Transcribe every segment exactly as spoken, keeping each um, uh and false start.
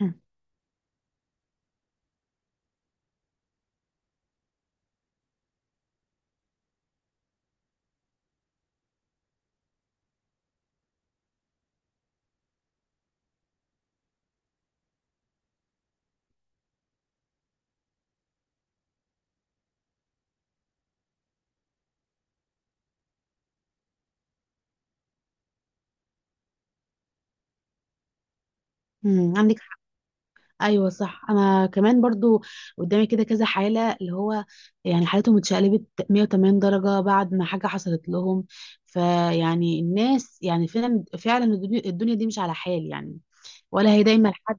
مم. مم. عندك حق، ايوه صح. انا كمان برضو قدامي كده كذا حاله، اللي هو يعني حالتهم اتشقلبت مئة وثمانين درجه بعد ما حاجه حصلت لهم. فيعني الناس يعني فعلا فعلا الدنيا الدنيا دي مش على حال يعني. ولا هي دايما حد،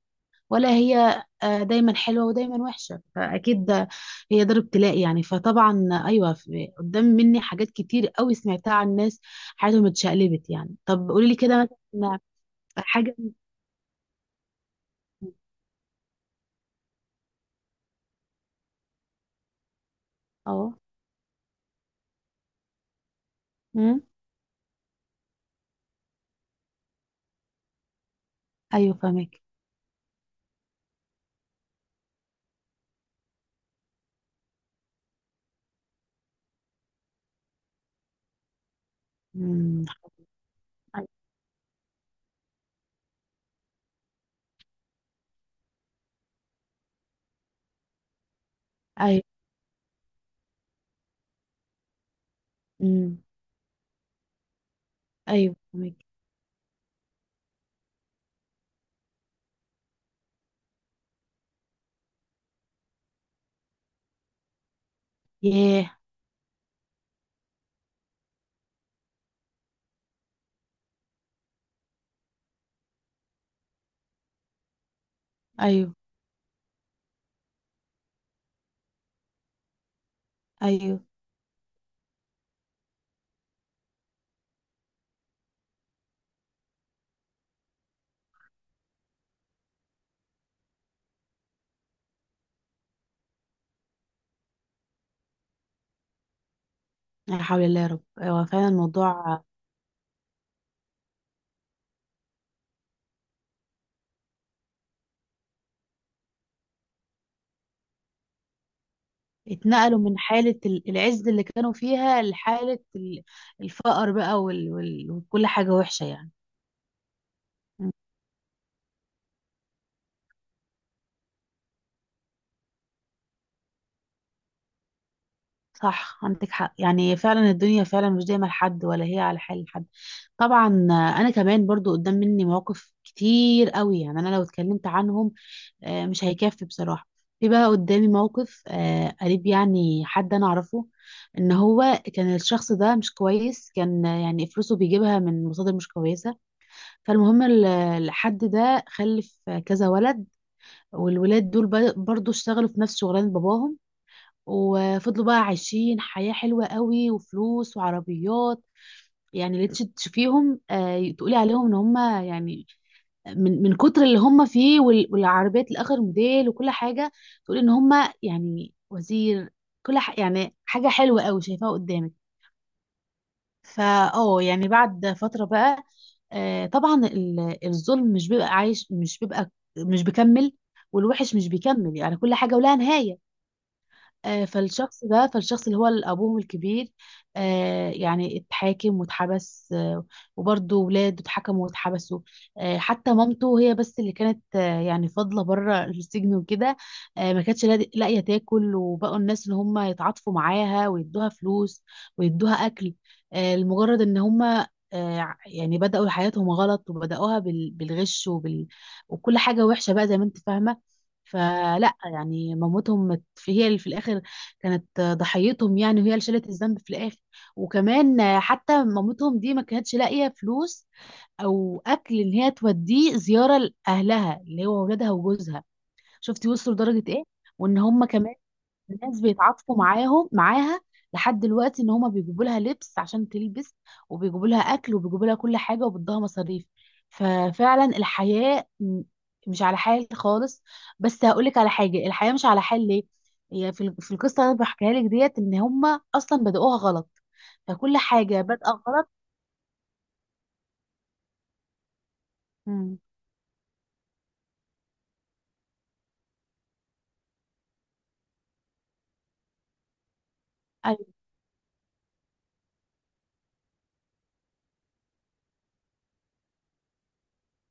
ولا هي آه، دايما حلوه ودايما وحشه، فاكيد ده- هي دار ابتلاء. يعني فطبعا ايوه، في- قدام مني حاجات كتير قوي سمعتها عن ناس حياتهم اتشقلبت. يعني طب قولي لي كده، مثلا حاجه. اه، ايوه فاهمك. امم. أيوة. ايوه. امم. ايوه فاهمك. ياه. ايوه. ايوه. لا حول الله يا رب، هو فعلا الموضوع. اتنقلوا من حالة ال- العز اللي كانوا فيها لحالة ال- الفقر بقى، وال... وال... وكل حاجة وحشة يعني. مم. صح، عندك حق. يعني فعلا الدنيا فعلا مش دايما لحد، ولا هي على حال حد. طبعا، آه، انا كمان برضو قدام مني مواقف كتير قوي، يعني انا لو اتكلمت عنهم آه، مش هيكفي بصراحة. في بقى قدامي موقف آه، قريب، يعني حد انا اعرفه، ان هو كان الشخص ده مش كويس، كان آه، يعني فلوسه بيجيبها من مصادر مش كويسة. فالمهم ال- الحد ده خلف آه، كذا ولد، والولاد دول ب- برضو اشتغلوا في نفس شغلانة باباهم، وفضلوا بقى عايشين حياة حلوة قوي وفلوس وعربيات. يعني اللي تش- تشوفيهم آه، تقولي عليهم ان هم يعني من من كتر اللي هم فيه، وال- والعربيات لاخر موديل وكل حاجه، تقول ان هم يعني وزير. كل ح... يعني حاجه حلوه قوي شايفاها قدامك. فا اه يعني بعد فتره بقى، آه طبعا ال- الظلم مش بيبقى عايش، مش بيبقى، مش بيكمل، والوحش مش بيكمل، يعني كل حاجه ولها نهايه. آه، فالشخص ده، فالشخص اللي هو أبوهم الكبير، آه، يعني اتحاكم واتحبس، آه، وبرضه ولاده اتحكموا واتحبسوا. آه، حتى مامته هي بس اللي كانت آه، يعني فاضلة بره السجن وكده. آه، ما كانتش لا- لاقية تاكل، وبقوا الناس اللي هم يتعاطفوا معاها ويدوها فلوس ويدوها أكل. آه، لمجرد إن هم آه، يعني بدأوا حياتهم غلط وبدأوها بال- بالغش وبال... وكل حاجة وحشة بقى زي ما انت فاهمة. فلا، يعني مامتهم مت- هي اللي في الاخر كانت ضحيتهم، يعني وهي اللي شالت الذنب في الاخر. وكمان حتى مامتهم دي ما كانتش لاقيه فلوس او اكل ان هي توديه زياره لاهلها اللي هو ولادها وجوزها. شفتي وصلوا لدرجه ايه؟ وان هم كمان الناس بيتعاطفوا معاهم معاها لحد دلوقتي، ان هما بيجيبوا لها لبس عشان تلبس، وبيجيبوا لها اكل، وبيجيبوا لها كل حاجه، وبيدوها مصاريف. ففعلا الحياه م- مش على حال خالص. بس هقولك على حاجه، الحياه مش على حال ليه. هي في ال- في القصه اللي أنا بحكيها لك ديت، ان هما اصلا بدأوها غلط، فكل حاجه بادئه غلط. مم.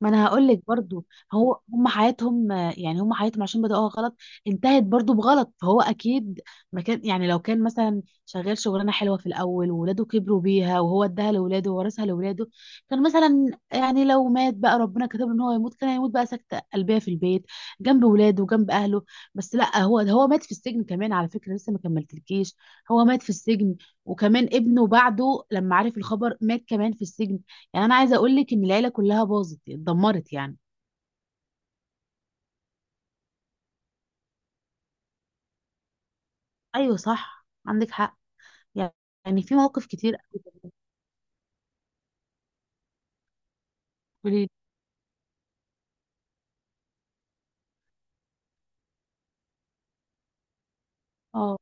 ما انا هقول لك برضو، هو هم حياتهم آه، يعني هم حياتهم عشان بدأوها غلط انتهت برضو بغلط. فهو اكيد ما كان، يعني لو كان مثلا شغال شغلانه حلوه في الاول، وولاده كبروا بيها وهو اداها لولاده وورثها لولاده، كان مثلا يعني لو مات بقى، ربنا كتب له ان هو يموت، كان هيموت بقى سكته قلبيه في البيت جنب ولاده وجنب اهله. بس لا، هو هو مات في السجن كمان، على فكره لسه ما كملتلكيش، هو مات في السجن، وكمان ابنه بعده لما عرف الخبر مات كمان في السجن. يعني انا عايزه اقول لك ان العيله كلها باظت اتدمرت يعني. ايوه صح عندك حق، يعني في مواقف كتير قوي. بتقولي. اه.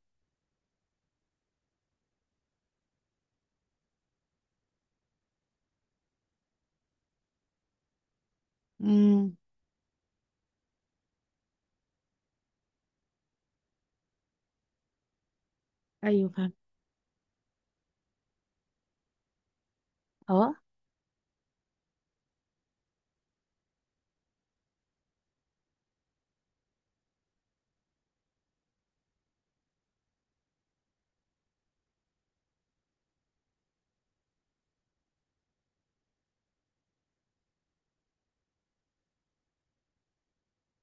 امم. ايوه فاهم. اه.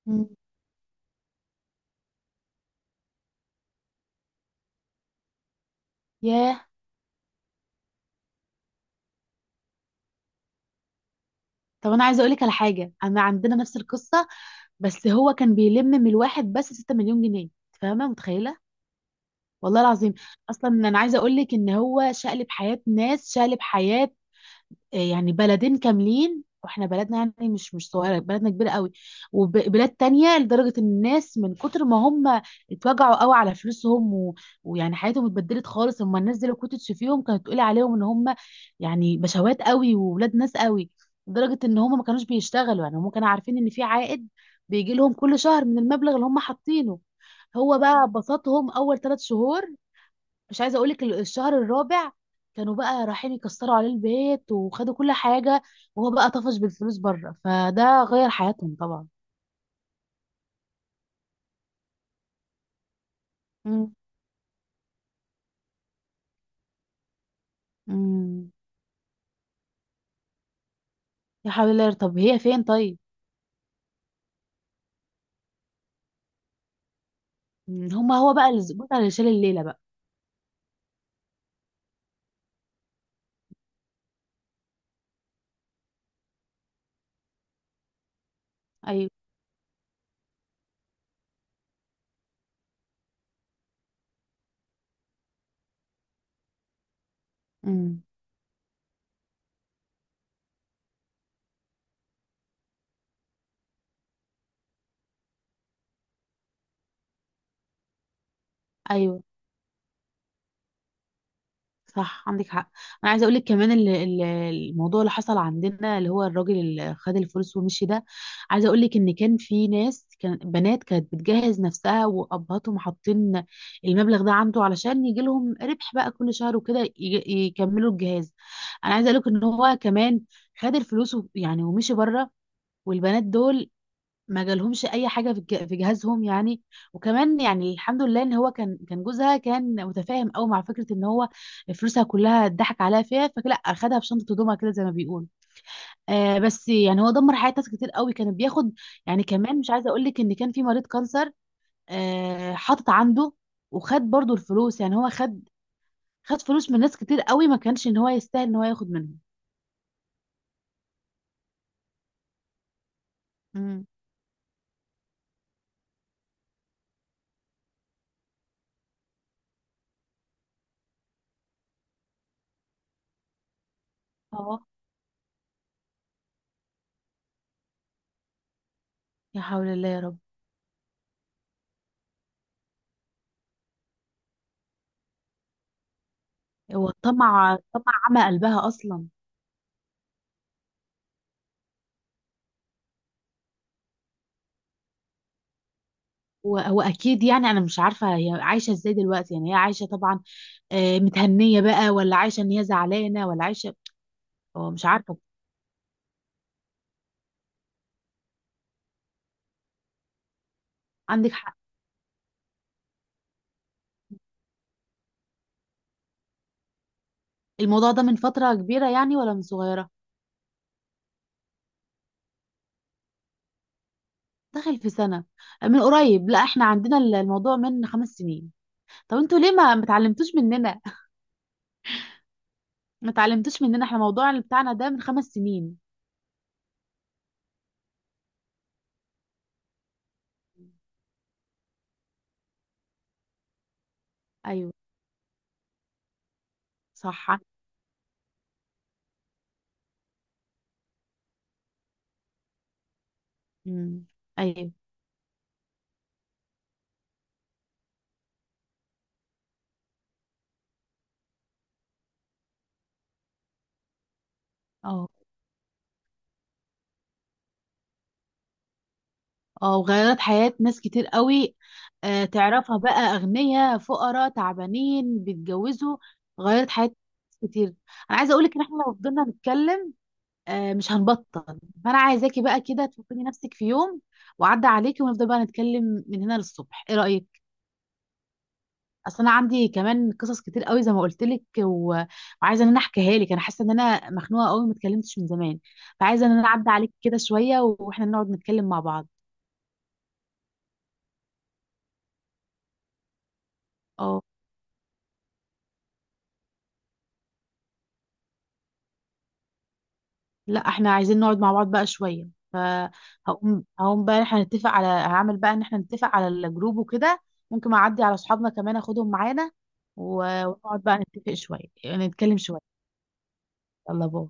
امم. ياه. طب انا عايزه اقول لك على حاجه، انا عندنا نفس القصه، بس هو كان بيلم من الواحد بس ستة مليون جنيه. فاهمه؟ متخيله؟ والله العظيم. اصلا انا عايزه اقول لك ان هو شقلب حياه ناس، شقلب حياه يعني بلدين كاملين. واحنا بلدنا يعني مش مش صغيره، بلدنا كبيره قوي، وبلاد تانية. لدرجه ان الناس من كتر ما هم اتوجعوا قوي على فلوسهم و... ويعني حياتهم اتبدلت خالص. اما الناس دي لو كنت تشوفيهم كانت تقولي عليهم ان هم يعني بشوات قوي وولاد ناس قوي، لدرجه ان هم ما كانوش بيشتغلوا، يعني هم كانوا عارفين ان في عائد بيجي لهم كل شهر من المبلغ اللي هم حاطينه. هو بقى بسطهم اول ثلاث شهور، مش عايزه اقولك ال- الشهر الرابع كانوا بقى رايحين يكسروا عليه البيت وخدوا كل حاجه. وهو بقى طفش بالفلوس بره، فده غير حياتهم طبعا. مم. مم. يا حول الله، طب هي فين طيب؟ مم، هما هو بقى اللي البطل اللي شال الليله بقى. ايوه. مم. ايوه صح عندك حق. انا عايزه اقول لك كمان، ال- ال- الموضوع اللي حصل عندنا اللي هو الراجل اللي خد الفلوس ومشي ده. عايزه اقول لك ان كان في ناس، كان بنات كانت بتجهز نفسها، وابهاتهم حاطين المبلغ ده عنده علشان يجي لهم ربح بقى كل شهر وكده يج- يكملوا الجهاز. انا عايزه اقول لك ان هو كمان خد الفلوس و- يعني ومشي بره، والبنات دول ما جالهمش اي حاجه في الج- في جهازهم يعني. وكمان يعني الحمد لله ان هو كان كان جوزها كان متفاهم قوي مع فكره ان هو فلوسها كلها اتضحك عليها فيها، فلا اخدها في شنطه هدومها كده زي ما بيقول. آه بس يعني هو دمر حياه ناس كتير قوي، كان بياخد. يعني كمان مش عايزه اقول لك ان كان في مريض كانسر آه حاطط عنده، وخد برضو الفلوس. يعني هو خد خد فلوس من ناس كتير قوي ما كانش ان هو يستاهل ان هو ياخد منهم. مم. اه يا حول الله يا رب. هو الطمع، طمع عمى قلبها اصلا. و- واكيد يعني انا مش عارفه هي عايشه ازاي دلوقتي، يعني هي عايشه طبعا، آه، متهنيه بقى، ولا عايشه ان هي زعلانه، ولا عايشه، هو مش عارفه. عندك حق. الموضوع ده من فتره كبيره يعني ولا من صغيره؟ داخل في سنه، آه، من قريب. لا، احنا عندنا ال- الموضوع من خمس سنين. طب انتوا ليه ما متعلمتوش مننا؟ ما اتعلمتوش مننا، احنا الموضوع اللي بتاعنا ده من خمس سنين. ايوه صح. امم. ايوه. اه. اه وغيرت حياة ناس كتير قوي. آه تعرفها بقى، أغنياء فقراء تعبانين بيتجوزوا. غيرت حياة ناس كتير. أنا عايزة أقولك إن إحنا لو فضلنا نتكلم آه مش هنبطل. فأنا عايزاكي بقى كده تفكري نفسك في يوم وعدى عليكي، ونفضل بقى نتكلم من هنا للصبح، إيه رأيك؟ أصل أنا عندي كمان قصص كتير قوي زي ما قلت لك، و... وعايزة إن أنا أحكيها لك. أنا حاسة إن أنا مخنوقة قوي، ما اتكلمتش من زمان. فعايزة إن أنا أعدي عليك كده شوية وإحنا نقعد نتكلم مع بعض. اه، لا احنا عايزين نقعد مع بعض بقى شوية. فهقوم هقوم بقى احنا نتفق على هعمل بقى ان احنا نتفق على الجروب وكده. ممكن اعدي على اصحابنا كمان اخدهم معانا و- ونقعد بقى نتفق شوية، نتكلم شوية. يلا باي.